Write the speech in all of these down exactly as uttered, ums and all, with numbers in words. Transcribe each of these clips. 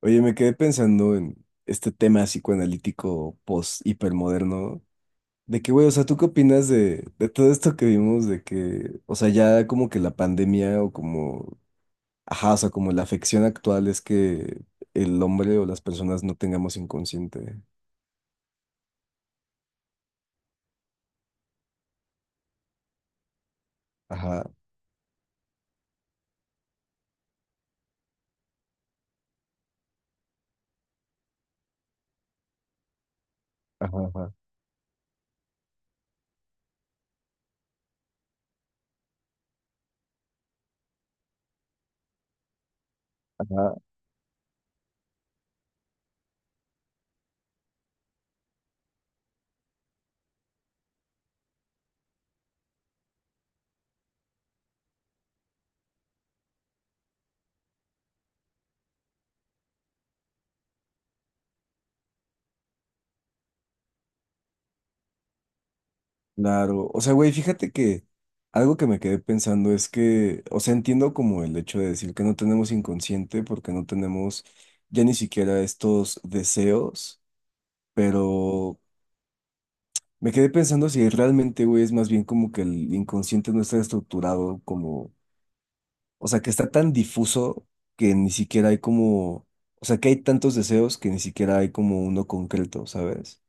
Oye, me quedé pensando en este tema psicoanalítico post-hipermoderno. De que, güey, o sea, ¿tú qué opinas de, de todo esto que vimos? De que, o sea, ya como que la pandemia o como, ajá, o sea, como la afección actual es que el hombre o las personas no tengamos inconsciente. Ajá, ajá, ajá, ajá. Claro. O sea, güey, fíjate que algo que me quedé pensando es que, o sea, entiendo como el hecho de decir que no tenemos inconsciente porque no tenemos ya ni siquiera estos deseos. Pero me quedé pensando si realmente, güey, es más bien como que el inconsciente no está estructurado como, o sea, que está tan difuso que ni siquiera hay como, o sea, que hay tantos deseos que ni siquiera hay como uno concreto, ¿sabes?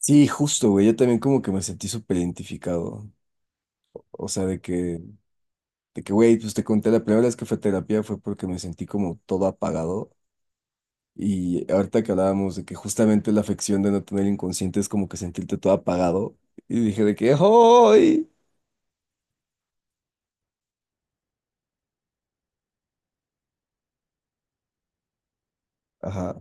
Sí, justo, güey, yo también como que me sentí súper identificado. O sea, de que, de que, güey, pues te conté la primera vez que fue a terapia fue porque me sentí como todo apagado. Y ahorita que hablábamos de que justamente la afección de no tener inconsciente es como que sentirte todo apagado. Y dije de que, ¡ay! Ajá,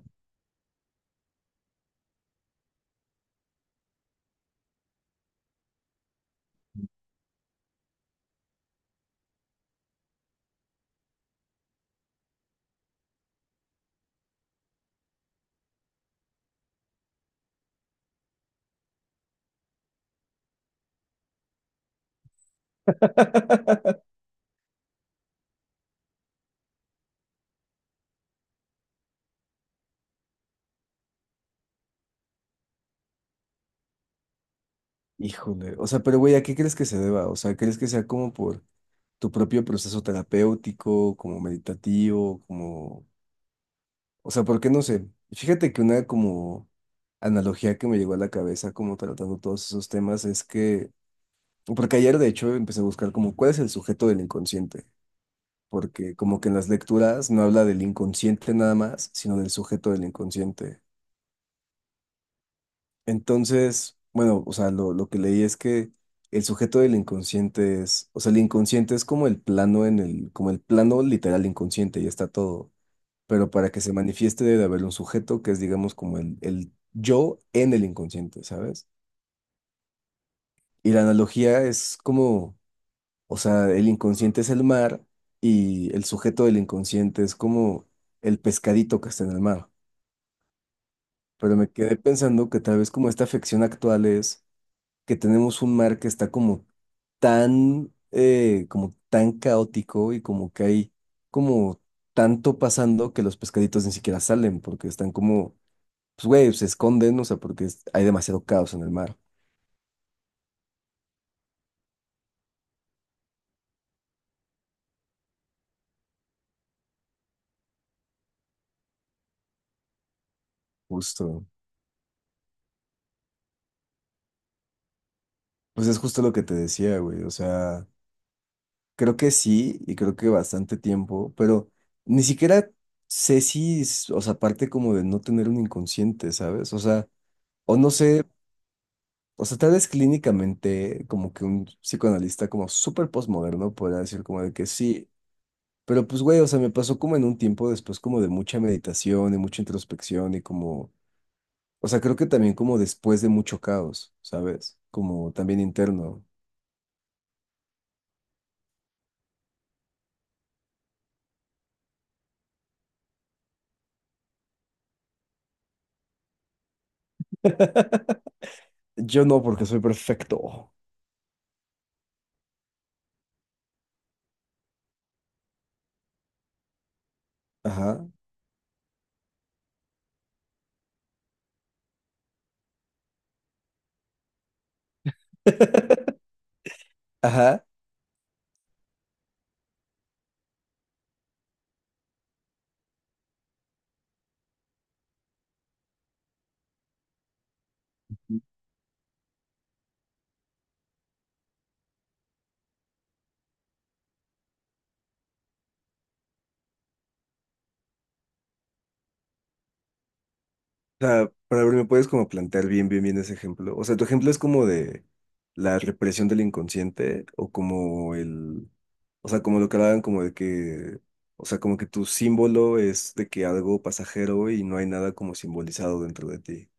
híjole. O sea, pero güey, ¿a qué crees que se deba? O sea, ¿crees que sea como por tu propio proceso terapéutico, como meditativo, como... o sea, por qué no sé? Fíjate que una como analogía que me llegó a la cabeza como tratando todos esos temas es que... Porque ayer de hecho empecé a buscar como cuál es el sujeto del inconsciente, porque como que en las lecturas no habla del inconsciente nada más, sino del sujeto del inconsciente. Entonces, bueno, o sea, lo, lo que leí es que el sujeto del inconsciente es, o sea, el inconsciente es como el plano en el, como el plano literal inconsciente, y está todo. Pero para que se manifieste debe de haber un sujeto que es, digamos, como el, el yo en el inconsciente, ¿sabes? Y la analogía es como, o sea, el inconsciente es el mar y el sujeto del inconsciente es como el pescadito que está en el mar. Pero me quedé pensando que tal vez como esta afección actual es que tenemos un mar que está como tan, eh, como tan caótico y como que hay como tanto pasando que los pescaditos ni siquiera salen porque están como, pues güey, se esconden, o sea, porque es- hay demasiado caos en el mar. Justo. Pues es justo lo que te decía, güey. O sea, creo que sí y creo que bastante tiempo, pero ni siquiera sé si, es- o sea, aparte como de no tener un inconsciente, ¿sabes? O sea, o no sé. O sea, tal vez clínicamente, como que un psicoanalista como súper postmoderno podría decir como de que sí, pero pues güey, o sea, me pasó como en un tiempo después como de mucha meditación y mucha introspección y como, o sea, creo que también como después de mucho caos, ¿sabes? Como también interno. Yo no, porque soy perfecto. Ajá, ajá. O sea, para ver, ¿me puedes como plantear bien, bien, bien ese ejemplo? O sea, tu ejemplo es como de la represión del inconsciente o como el, o sea, como lo que hablaban como de que, o sea, como que tu símbolo es de que algo pasajero y no hay nada como simbolizado dentro de ti.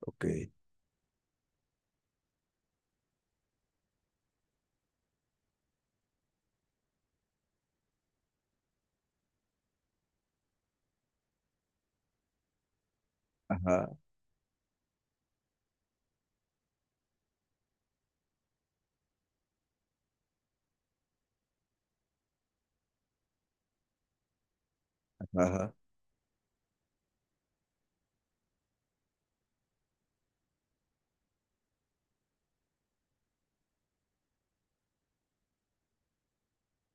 Ok. Ajá, ajá. Ajá.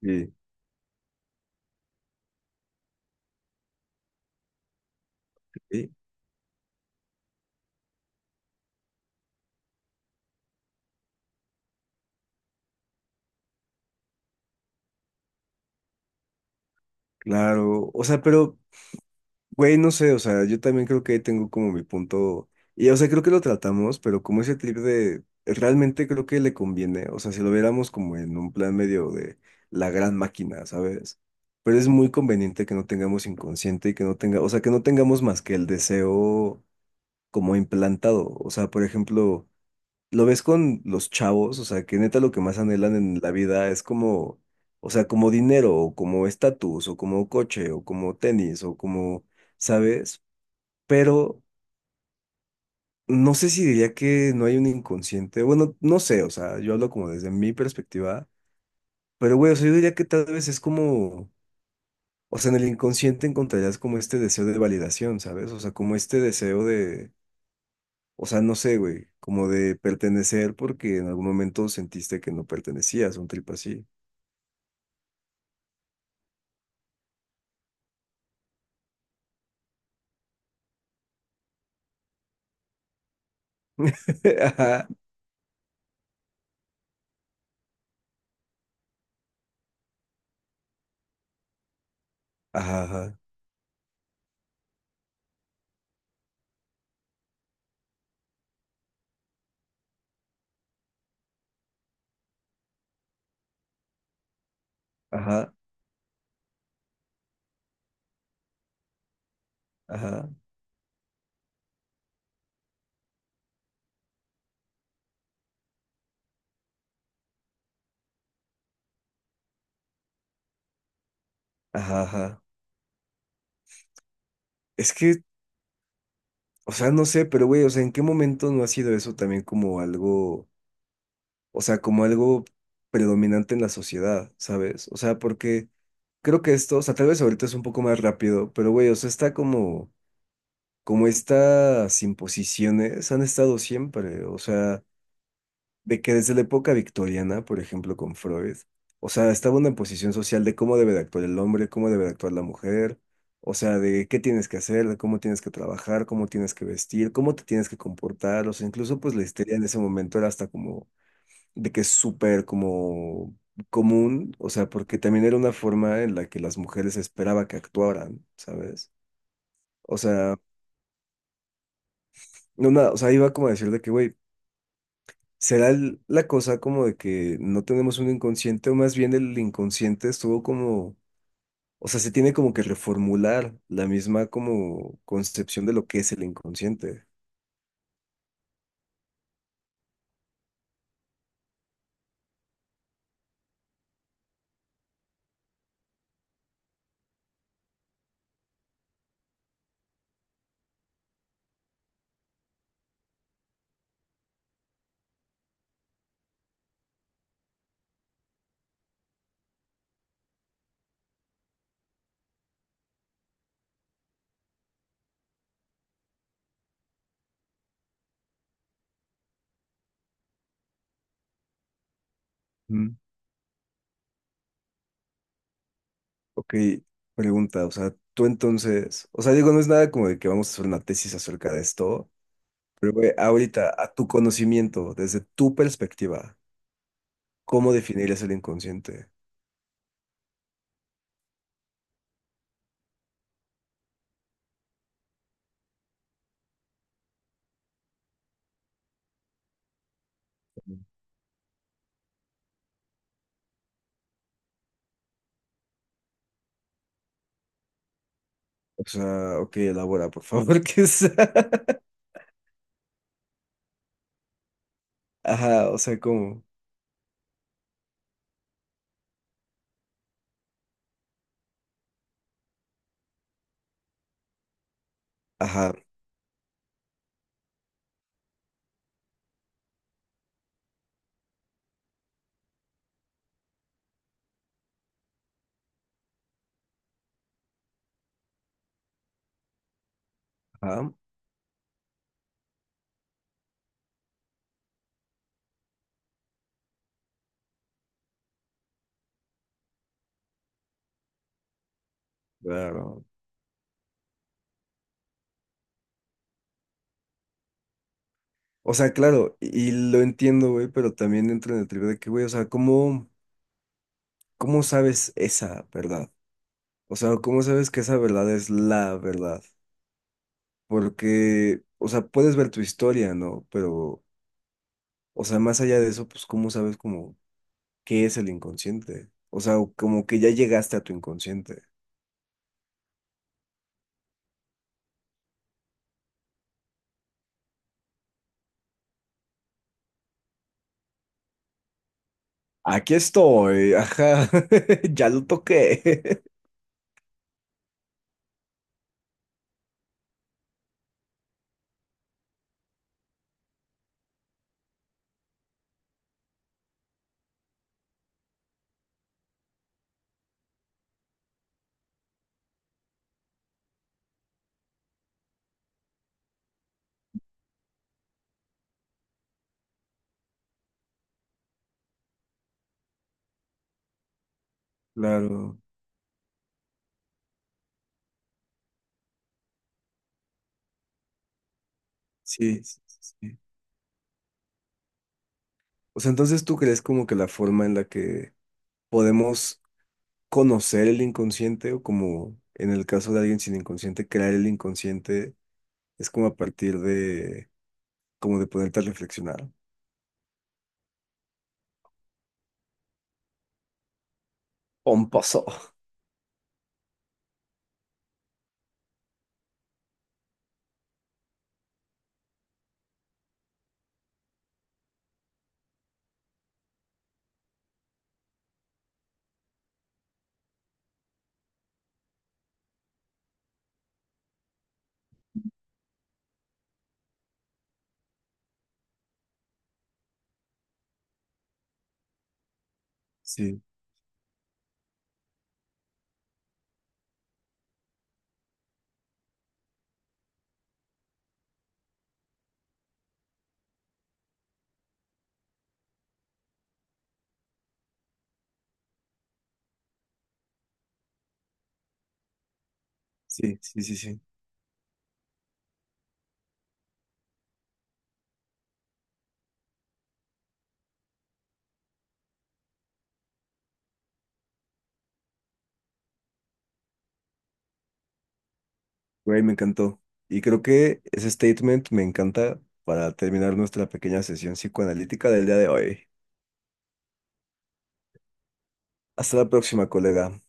Sí, sí, claro. O sea, pero... güey, no sé, o sea, yo también creo que ahí tengo como mi punto, y o sea, creo que lo tratamos, pero como ese trip de, realmente creo que le conviene, o sea, si lo viéramos como en un plan medio de la gran máquina, ¿sabes? Pero es muy conveniente que no tengamos inconsciente y que no tenga, o sea, que no tengamos más que el deseo como implantado, o sea, por ejemplo, lo ves con los chavos, o sea, que neta lo que más anhelan en la vida es como, o sea, como dinero, o como estatus, o como coche, o como tenis, o como... ¿Sabes? Pero no sé si diría que no hay un inconsciente. Bueno, no sé, o sea, yo hablo como desde mi perspectiva, pero güey, o sea, yo diría que tal vez es como, o sea, en el inconsciente encontrarías como este deseo de validación, ¿sabes? O sea, como este deseo de, o sea, no sé, güey, como de pertenecer porque en algún momento sentiste que no pertenecías, un trip así. Ajá, ajá, ajá, ajá, ajá, ajá. Es que, o sea, no sé, pero güey, o sea, ¿en qué momento no ha sido eso también como algo? O sea, como algo predominante en la sociedad, ¿sabes? O sea, porque creo que esto, o sea, tal vez ahorita es un poco más rápido, pero güey, o sea, está como, como estas imposiciones han estado siempre, o sea, de que desde la época victoriana, por ejemplo, con Freud, o sea, estaba una imposición social de cómo debe de actuar el hombre, cómo debe de actuar la mujer. O sea, de qué tienes que hacer, de cómo tienes que trabajar, cómo tienes que vestir, cómo te tienes que comportar. O sea, incluso pues la histeria en ese momento era hasta como de que es súper como común, o sea, porque también era una forma en la que las mujeres esperaba que actuaran, ¿sabes? O sea, no, nada, o sea, iba como a decir de que, güey, será el- la cosa como de que no tenemos un inconsciente, o más bien el inconsciente estuvo como, o sea, se tiene como que reformular la misma como concepción de lo que es el inconsciente. Mm. Ok, pregunta, o sea, tú entonces, o sea, digo, no es nada como de que vamos a hacer una tesis acerca de esto, pero güey, ahorita, a tu conocimiento, desde tu perspectiva, ¿cómo definirías el inconsciente? O sea, ok, elabora, por favor, ¿qué es? Ajá, o sea, ¿cómo? Ajá, ajá, claro. O sea, claro, y y lo entiendo, güey, pero también entro en el trivio de que, güey, o sea, ¿cómo, cómo sabes esa verdad? O sea, ¿cómo sabes que esa verdad es la verdad? Porque, o sea, puedes ver tu historia, ¿no? Pero, o sea, más allá de eso, pues, ¿cómo sabes cómo? ¿Qué es el inconsciente? O sea, como que ya llegaste a tu inconsciente. Aquí estoy, ajá, ya lo toqué. Claro, sí, sí, sí. Sí. O sea, entonces tú crees como que la forma en la que podemos conocer el inconsciente o como en el caso de alguien sin inconsciente, crear el inconsciente es como a partir de, como de ponerte a reflexionar. Pomposo. Sí, sí, sí, sí, sí. Güey, me encantó. Y creo que ese statement me encanta para terminar nuestra pequeña sesión psicoanalítica del día de hoy. Hasta la próxima, colega.